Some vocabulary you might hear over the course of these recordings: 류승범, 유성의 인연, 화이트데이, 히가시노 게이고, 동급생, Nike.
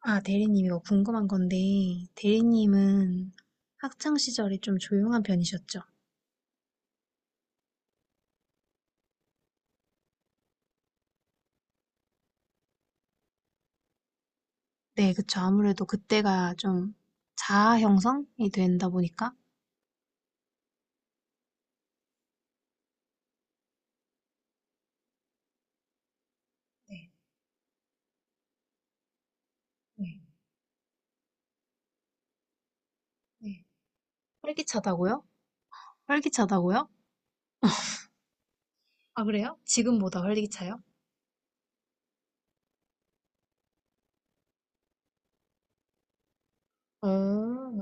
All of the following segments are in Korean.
아, 대리님, 이거 궁금한 건데, 대리님은 학창 시절에 좀 조용한 편이셨죠? 네, 그쵸. 아무래도 그때가 좀 자아 형성이 된다 보니까. 네, 네, 네. 활기차다고요? 활기차다고요? 아, 그래요? 지금보다 활기차요? 어,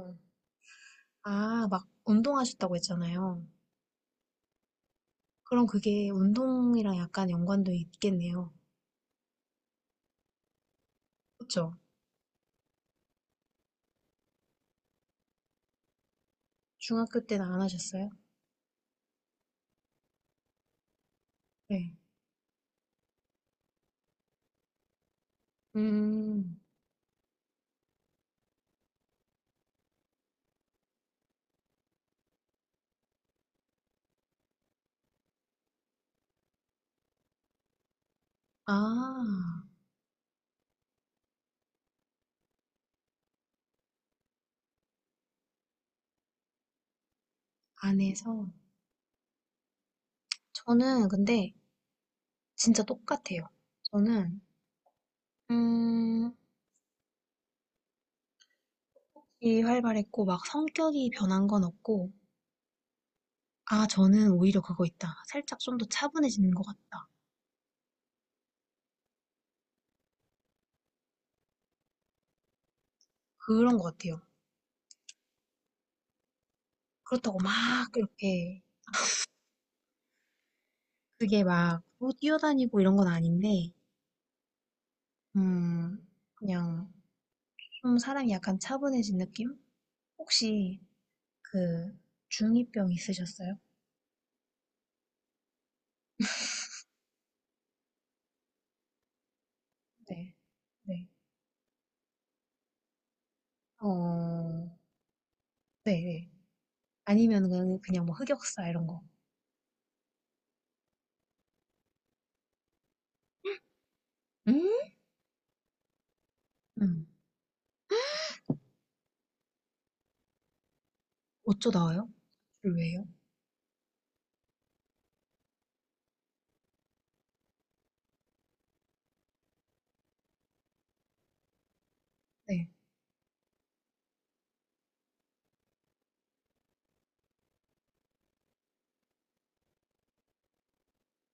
아, 막 운동하셨다고 했잖아요. 그럼 그게 운동이랑 약간 연관도 있겠네요. 그쵸? 중학교 때는 안 하셨어요? 네. 음, 아, 안에서. 저는 근데 진짜 똑같아요. 저는 음, 이 활발했고 막 성격이 변한 건 없고. 아 저는 오히려 그거 있다. 살짝 좀 더 차분해지는 것 같다. 그런 것 같아요. 그렇다고 막 이렇게 그게 막 뭐 뛰어다니고 이런 건 아닌데 음 그냥 좀 사람이 약간 차분해진 느낌? 혹시 그 중이병 있으셨어요? 네, 네, 어, 네, 네. 아니면 그냥 뭐 흑역사 이런 거. 음. 음. 어쩌다가요? 를 왜요? 네.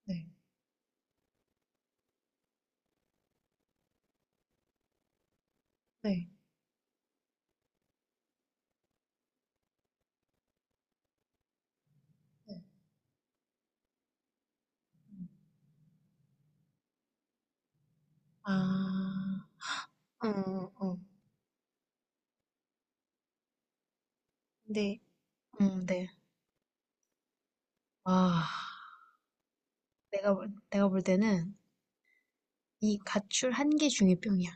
네. 네. 네. 음. 아. 어, 어, 어. 근데 네. 아, 내가 볼, 내가 볼 때는 이 가출 한 개 중에 병이야.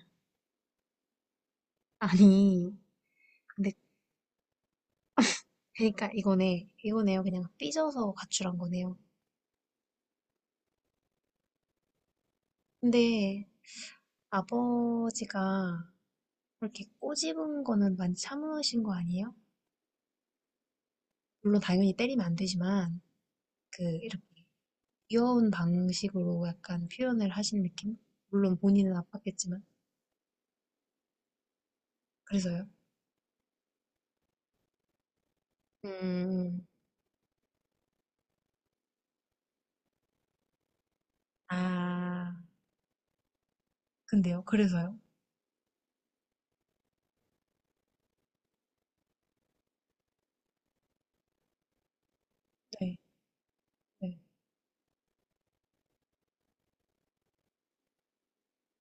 아니, 근데 그러니까 이거네. 이거네요. 그냥 삐져서 가출한 거네요. 근데 아버지가 그렇게 꼬집은 거는 많이 참으신 거 아니에요? 물론 당연히 때리면 안 되지만 그 이렇게 귀여운 방식으로 약간 표현을 하신 느낌? 물론 본인은 아팠겠지만. 그래서요. 음, 아, 근데요. 그래서요. 네. 네.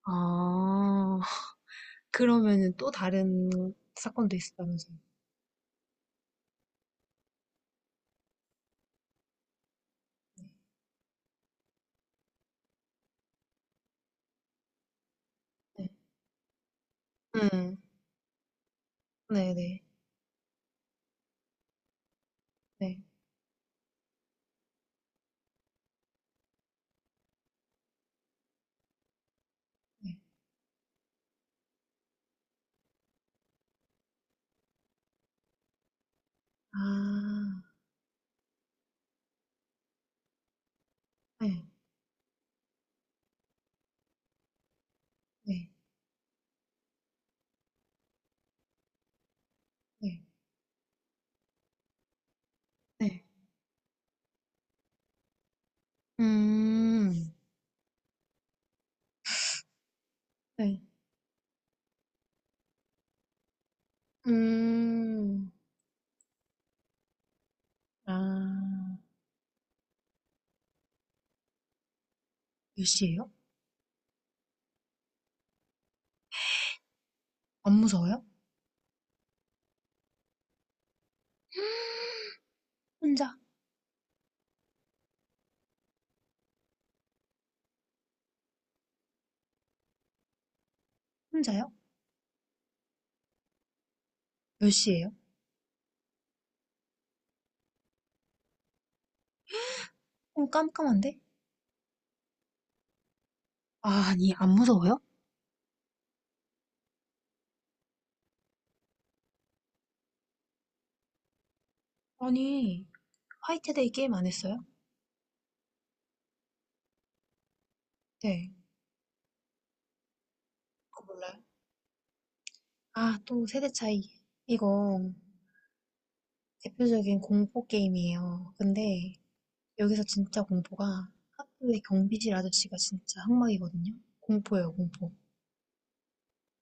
아, 그러면은 또 다른 사건도 있었다면서요. 네. 네. 음, 네, 네. 네. 네. 아, 네. 네. 네. 네. 음, 네. 음. 아, 몇 시예요? 안 무서워요? 혼자? 혼자요? 몇 시예요? 좀 깜깜한데? 아, 아니, 안 무서워요? 아니, 화이트데이 게임 안 했어요? 네. 그거 몰라요? 아, 또 세대 차이. 이거 대표적인 공포 게임이에요. 근데 여기서 진짜 공포가 학교의 경비실 아저씨가 진짜 항막이거든요. 공포예요, 공포.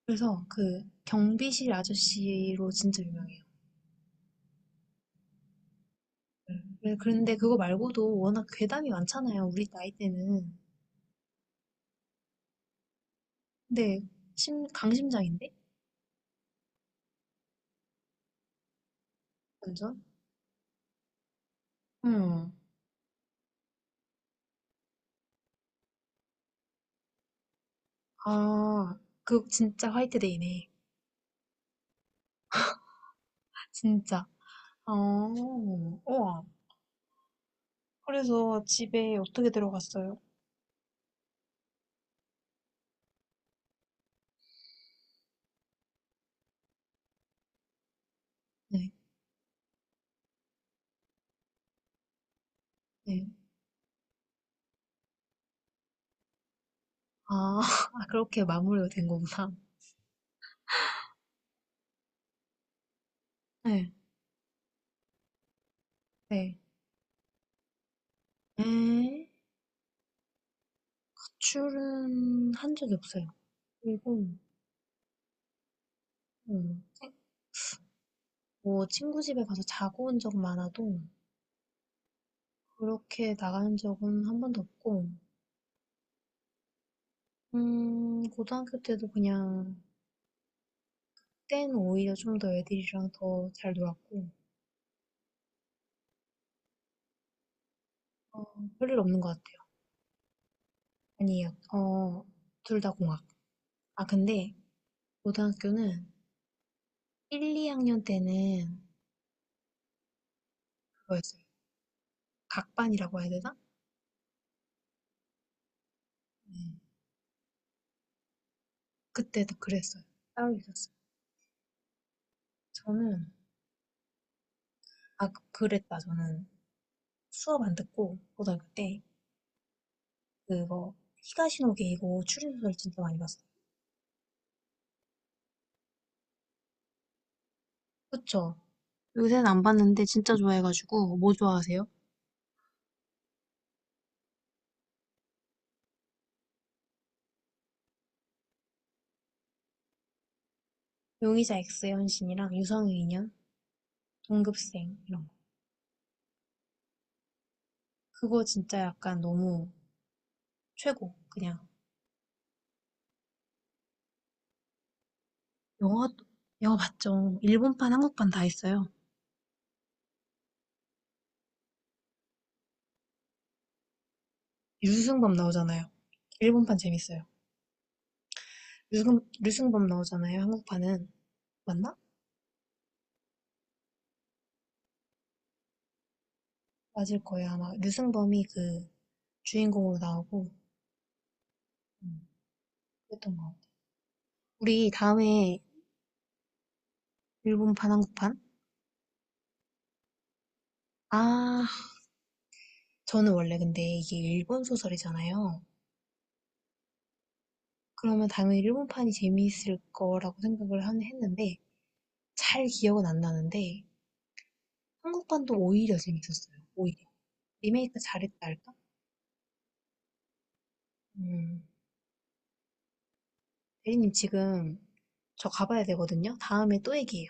그래서 그 경비실 아저씨로 진짜 유명해요. 네. 그런데 그거 말고도 워낙 괴담이 많잖아요, 우리 나이 때는. 근데 심, 강심장인데? 완전? 응. 아, 그 진짜 화이트데이네. 진짜. 어, 우와. 그래서 집에 어떻게 들어갔어요? 네, 네. 아, 그렇게 마무리가 된 거구나. 네, 네. 에, 출은 한 적이 없어요. 그리고, 음, 뭐, 친구 집에 가서 자고 온 적 많아도, 그렇게 나가는 적은 한 번도 없고, 고등학교 때도 그냥, 그때는 오히려 좀 더 애들이랑 더 잘 놀았고, 어, 별일 없는 것 같아요. 아니요. 어, 둘 다 공학. 아, 근데 고등학교는 1, 2학년 때는 그거였어요. 각반이라고 해야 되나? 네. 그때도 그랬어요. 따로 있었어요. 저는, 아, 그랬다. 저는 수업 안 듣고 고등학교 때 그거 히가시노 게이고 추리소설 진짜 많이 봤어요. 그쵸? 요새는 안 봤는데 진짜 좋아해가지고 뭐 좋아하세요? 용의자 X 현신이랑 유성의 인연, 동급생 이런 거. 그거 진짜 약간 너무 최고. 그냥 영화 영화 봤죠. 일본판, 한국판 다 있어요. 류승범 나오잖아요. 일본판 재밌어요. 류승범 나오잖아요. 한국판은. 맞나? 맞을 거예요. 아마 류승범이 그 주인공으로 나오고, 음, 그랬던 것 같아요. 우리 다음에 일본판, 한국판? 아, 저는 원래 근데 이게 일본 소설이잖아요. 그러면 당연히 일본판이 재미있을 거라고 생각을 했는데, 잘 기억은 안 나는데, 한국판도 오히려 재밌었어요. 오히려. 리메이크 잘했다 할까? 음, 대리님 지금 저 가봐야 되거든요. 다음에 또 얘기해요.